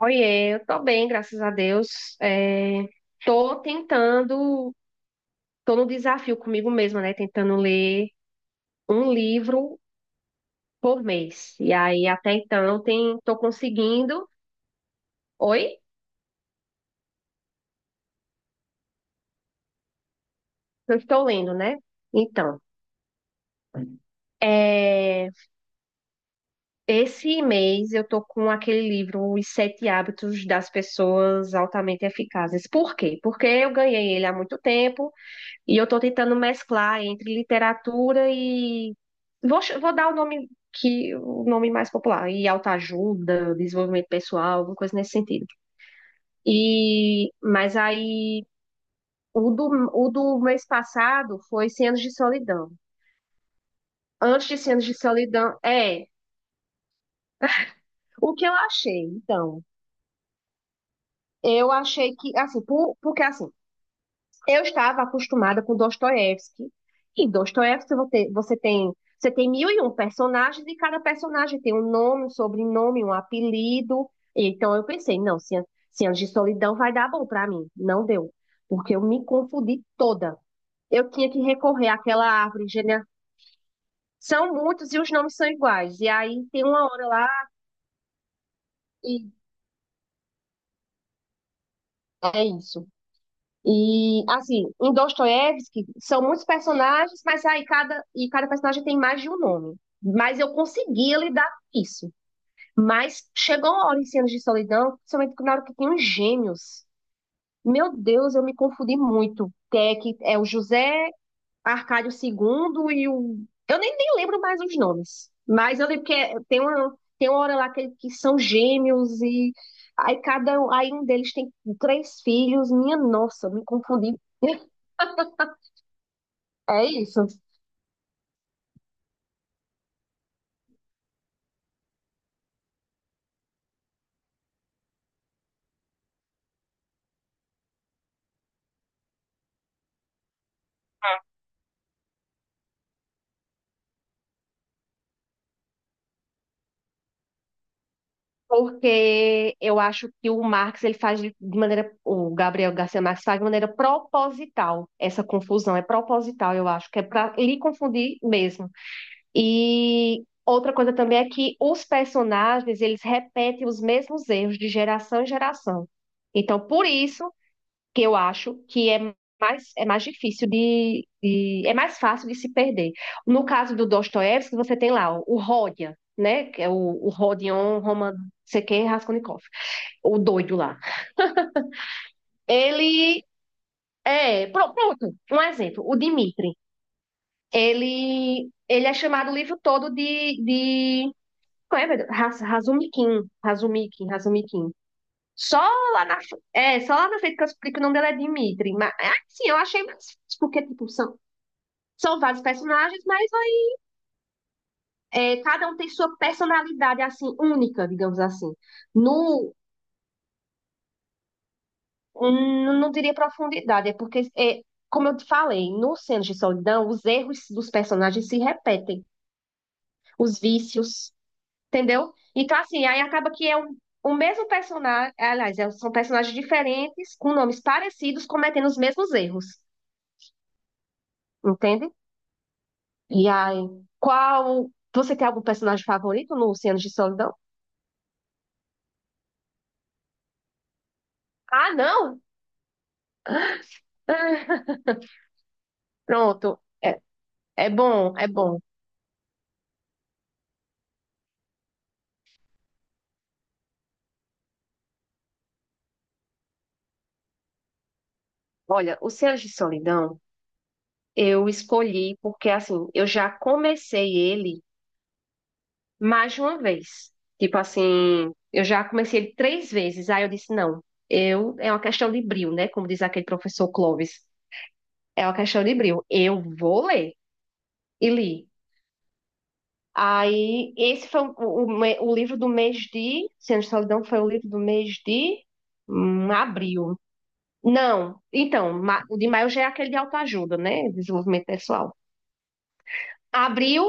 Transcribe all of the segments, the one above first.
Oiê, eu tô bem, graças a Deus. É, tô tentando, tô no desafio comigo mesma, né? Tentando ler um livro por mês. E aí, até então, tô conseguindo. Oi? Eu estou lendo, né? Então, é, esse mês eu tô com aquele livro, Os Sete Hábitos das Pessoas Altamente Eficazes. Por quê? Porque eu ganhei ele há muito tempo. E eu estou tentando mesclar entre literatura e. Vou dar o nome que o nome mais popular, e autoajuda, desenvolvimento pessoal, alguma coisa nesse sentido. E mas aí o do, o do mês passado foi Cem Anos de Solidão. Antes de Cem Anos de Solidão, é o que eu achei. Então, eu achei que assim, porque assim, eu estava acostumada com Dostoiévski. E Dostoiévski você tem mil e um personagens e cada personagem tem um nome, um sobrenome, um apelido. Então eu pensei, não, Cem Anos de Solidão vai dar bom para mim. Não deu, porque eu me confundi toda. Eu tinha que recorrer àquela árvore. São muitos e os nomes são iguais. E aí tem uma hora lá e é isso. E assim, em Dostoiévski são muitos personagens, mas aí cada personagem tem mais de um nome. Mas eu conseguia lidar com isso. Mas chegou uma hora em Cenas de Solidão, principalmente na hora que tem os gêmeos. Meu Deus, eu me confundi muito. É, que é o José Arcádio II e o. Eu nem lembro mais os nomes. Mas eu lembro que tem uma hora lá que são gêmeos e aí aí um deles tem três filhos. Minha nossa, eu me confundi. É isso. Porque eu acho que o Marx ele faz de maneira, o Gabriel Garcia Marques faz de maneira proposital essa confusão, é proposital, eu acho, que é para lhe confundir mesmo. E outra coisa também é que os personagens, eles repetem os mesmos erros de geração em geração. Então, por isso que eu acho que é mais difícil de- é mais fácil de se perder. No caso do Dostoiévski, você tem lá o Rodia, né? Que é o Rodion Roman, não sei quem, Raskolnikov, o doido lá. Ele é, pronto, um exemplo, o Dmitri. Ele é chamado o livro todo de como é, meu Deus? Razumikin, Razumikin, Razumikin. Só só lá na frente que eu explico o nome dela é Dimitri. Mas, assim, eu achei mais fácil, porque, tipo, são vários personagens, mas cada um tem sua personalidade, assim, única, digamos assim. No, não diria profundidade, é porque, como eu te falei, no Cenas de Solidão, os erros dos personagens se repetem, os vícios, entendeu? Então, assim, aí acaba que é o mesmo personagem, aliás, são personagens diferentes, com nomes parecidos, cometendo os mesmos erros, entende? E aí, qual... você tem algum personagem favorito no Cenas de Solidão? Ah, não! Pronto, é bom, é bom. Olha, o Céus de Solidão eu escolhi porque, assim, eu já comecei ele mais de uma vez. Tipo assim, eu já comecei ele três vezes. Aí eu disse, não, é uma questão de brio, né? Como diz aquele professor Clóvis. É uma questão de brio. Eu vou ler. E li. Aí, esse foi o livro do mês de... Céus de Solidão foi o livro do mês de abril. Não, então, o de maio já é aquele de autoajuda, né? Desenvolvimento pessoal. Abril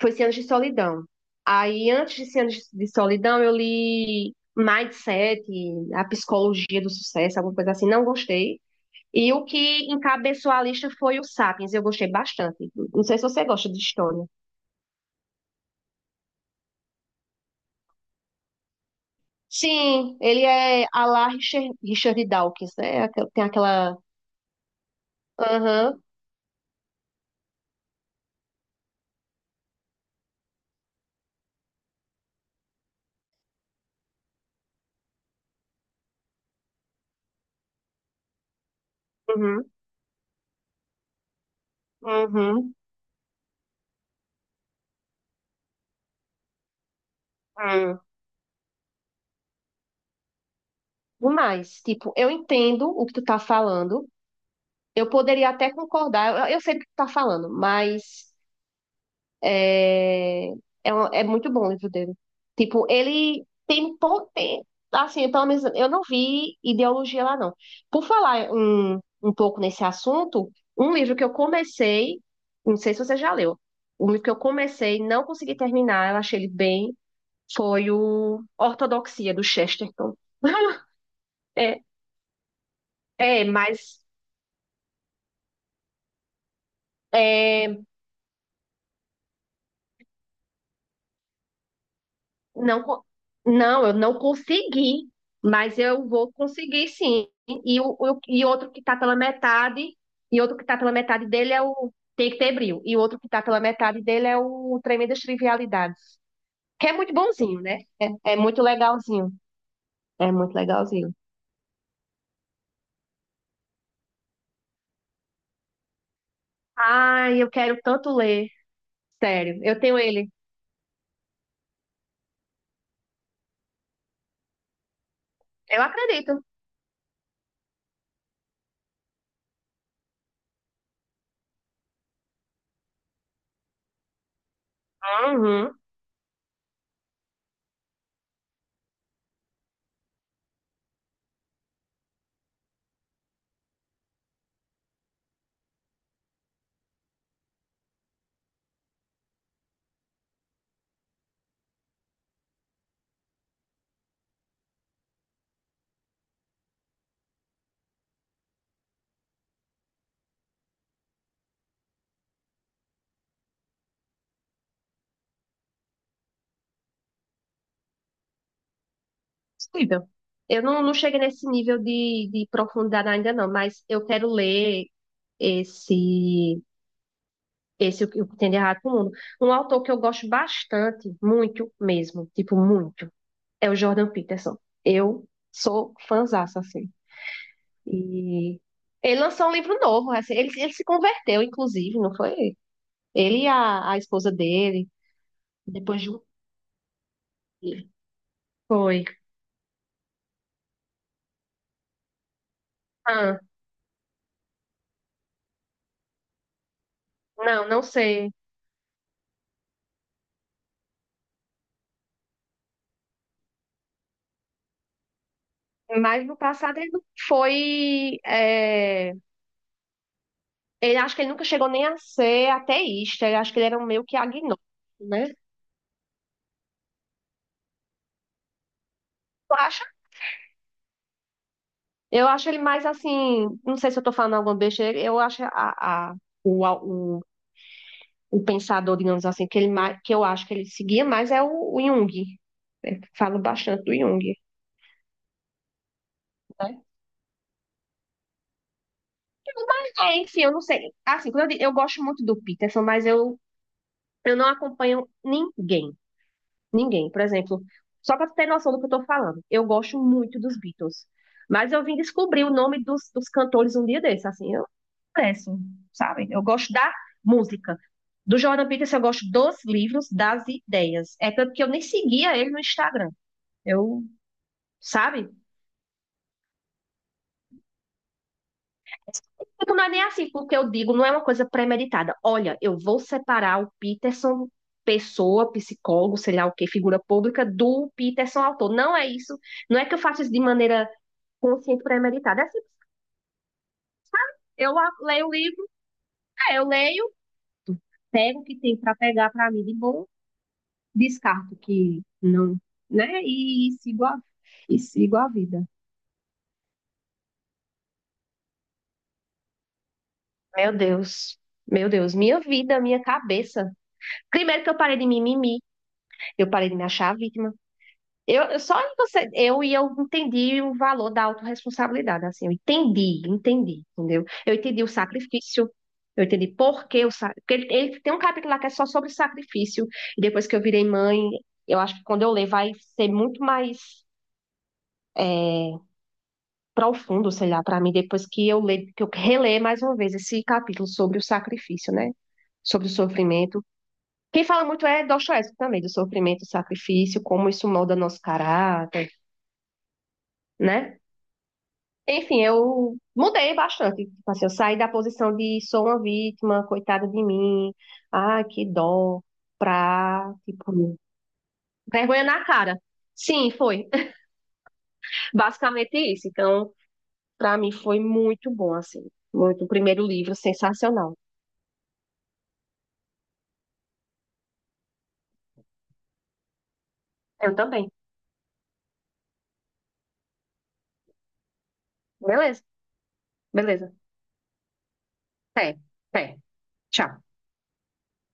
foi 100 Anos de Solidão. Aí, antes de 100 Anos de Solidão, eu li Mindset, A Psicologia do Sucesso, alguma coisa assim, não gostei. E o que encabeçou a lista foi o Sapiens, eu gostei bastante. Não sei se você gosta de história. Sim, ele é a lá Richard, Richard Dawkins, né? Tem aquela. Aham, uhum, uhum, uhum. Demais. Tipo, eu entendo o que tu tá falando. Eu poderia até concordar. Eu sei do que tu tá falando, mas é, é muito bom o livro dele. Tipo, ele tem assim, pelo menos eu não vi ideologia lá, não. Por falar um pouco nesse assunto, um livro que eu comecei, não sei se você já leu, um livro que eu comecei, não consegui terminar, eu achei ele bem, foi o Ortodoxia, do Chesterton. É, é, mas. é, Não, não, eu não consegui, mas eu vou conseguir sim. E outro que está pela metade dele é o Tem que ter brilho. E o outro que está pela metade dele é o Tremendas Trivialidades, que é muito bonzinho, né? É é muito legalzinho. É muito legalzinho. Ai, eu quero tanto ler. Sério, eu tenho ele. Eu acredito. Uhum. Possível. Eu não cheguei nesse nível de profundidade ainda não, mas eu quero ler esse. Esse é o que tem de errado com o mundo. Um autor que eu gosto bastante, muito mesmo, tipo, muito, é o Jordan Peterson. Eu sou fãzaça, assim. E ele lançou um livro novo, assim, ele se converteu, inclusive, não foi? Ele e a esposa dele, depois de um filho. Foi. Ah, não, não sei. Mas no passado ele não foi. Ele acho que ele nunca chegou nem a ser ateísta. Eu acho que ele era um meio que agnóstico, né? Eu acho Eu acho ele mais assim, não sei se eu tô falando alguma besteira, eu acho o, a- o, o pensador, digamos assim, que eu acho que ele seguia mais é o Jung. Falo bastante do Jung, né? É, enfim, eu não sei. Assim, eu gosto muito do Peterson, mas eu não acompanho ninguém. Ninguém. Por exemplo, só para tu ter noção do que eu tô falando, eu gosto muito dos Beatles. Mas eu vim descobrir o nome dos cantores um dia desses, assim. Sucesso, sabe? Eu gosto da música. Do Jordan Peterson eu gosto dos livros, das ideias. É tanto que eu nem seguia ele no Instagram. Eu, sabe? Tipo, não é nem assim, porque eu digo, não é uma coisa premeditada. Olha, eu vou separar o Peterson, pessoa, psicólogo, sei lá o que, figura pública, do Peterson, autor. Não é isso. Não é que eu faço isso de maneira consciente, premeditada. É assim, eu leio o livro, é, eu leio, pego o que tem para pegar para mim de bom descarto que não, né? E, sigo a vida. Meu Deus. Meu Deus, minha vida, minha cabeça. Primeiro que eu parei de mimimi, eu parei de me achar vítima. Eu só em você, eu entendi o valor da autorresponsabilidade, assim, eu entendi, entendi, entendeu? Eu entendi o sacrifício, eu entendi por que o sacrifício. Ele tem um capítulo lá que é só sobre sacrifício, e depois que eu virei mãe, eu acho que quando eu ler vai ser muito mais é, profundo, sei lá, para mim, depois que eu leio, que eu releio mais uma vez esse capítulo sobre o sacrifício, né? Sobre o sofrimento. Quem fala muito é Dostoiévski também, do sofrimento, sacrifício, como isso molda nosso caráter, né? Enfim, eu mudei bastante. Tipo assim, eu saí da posição de sou uma vítima, coitada de mim, ah, que dó, pra, tipo, vergonha na cara. Sim, foi basicamente isso. Então, para mim foi muito bom, assim. Muito, o primeiro livro, sensacional. Eu também. Beleza, beleza. Até, até. Tchau.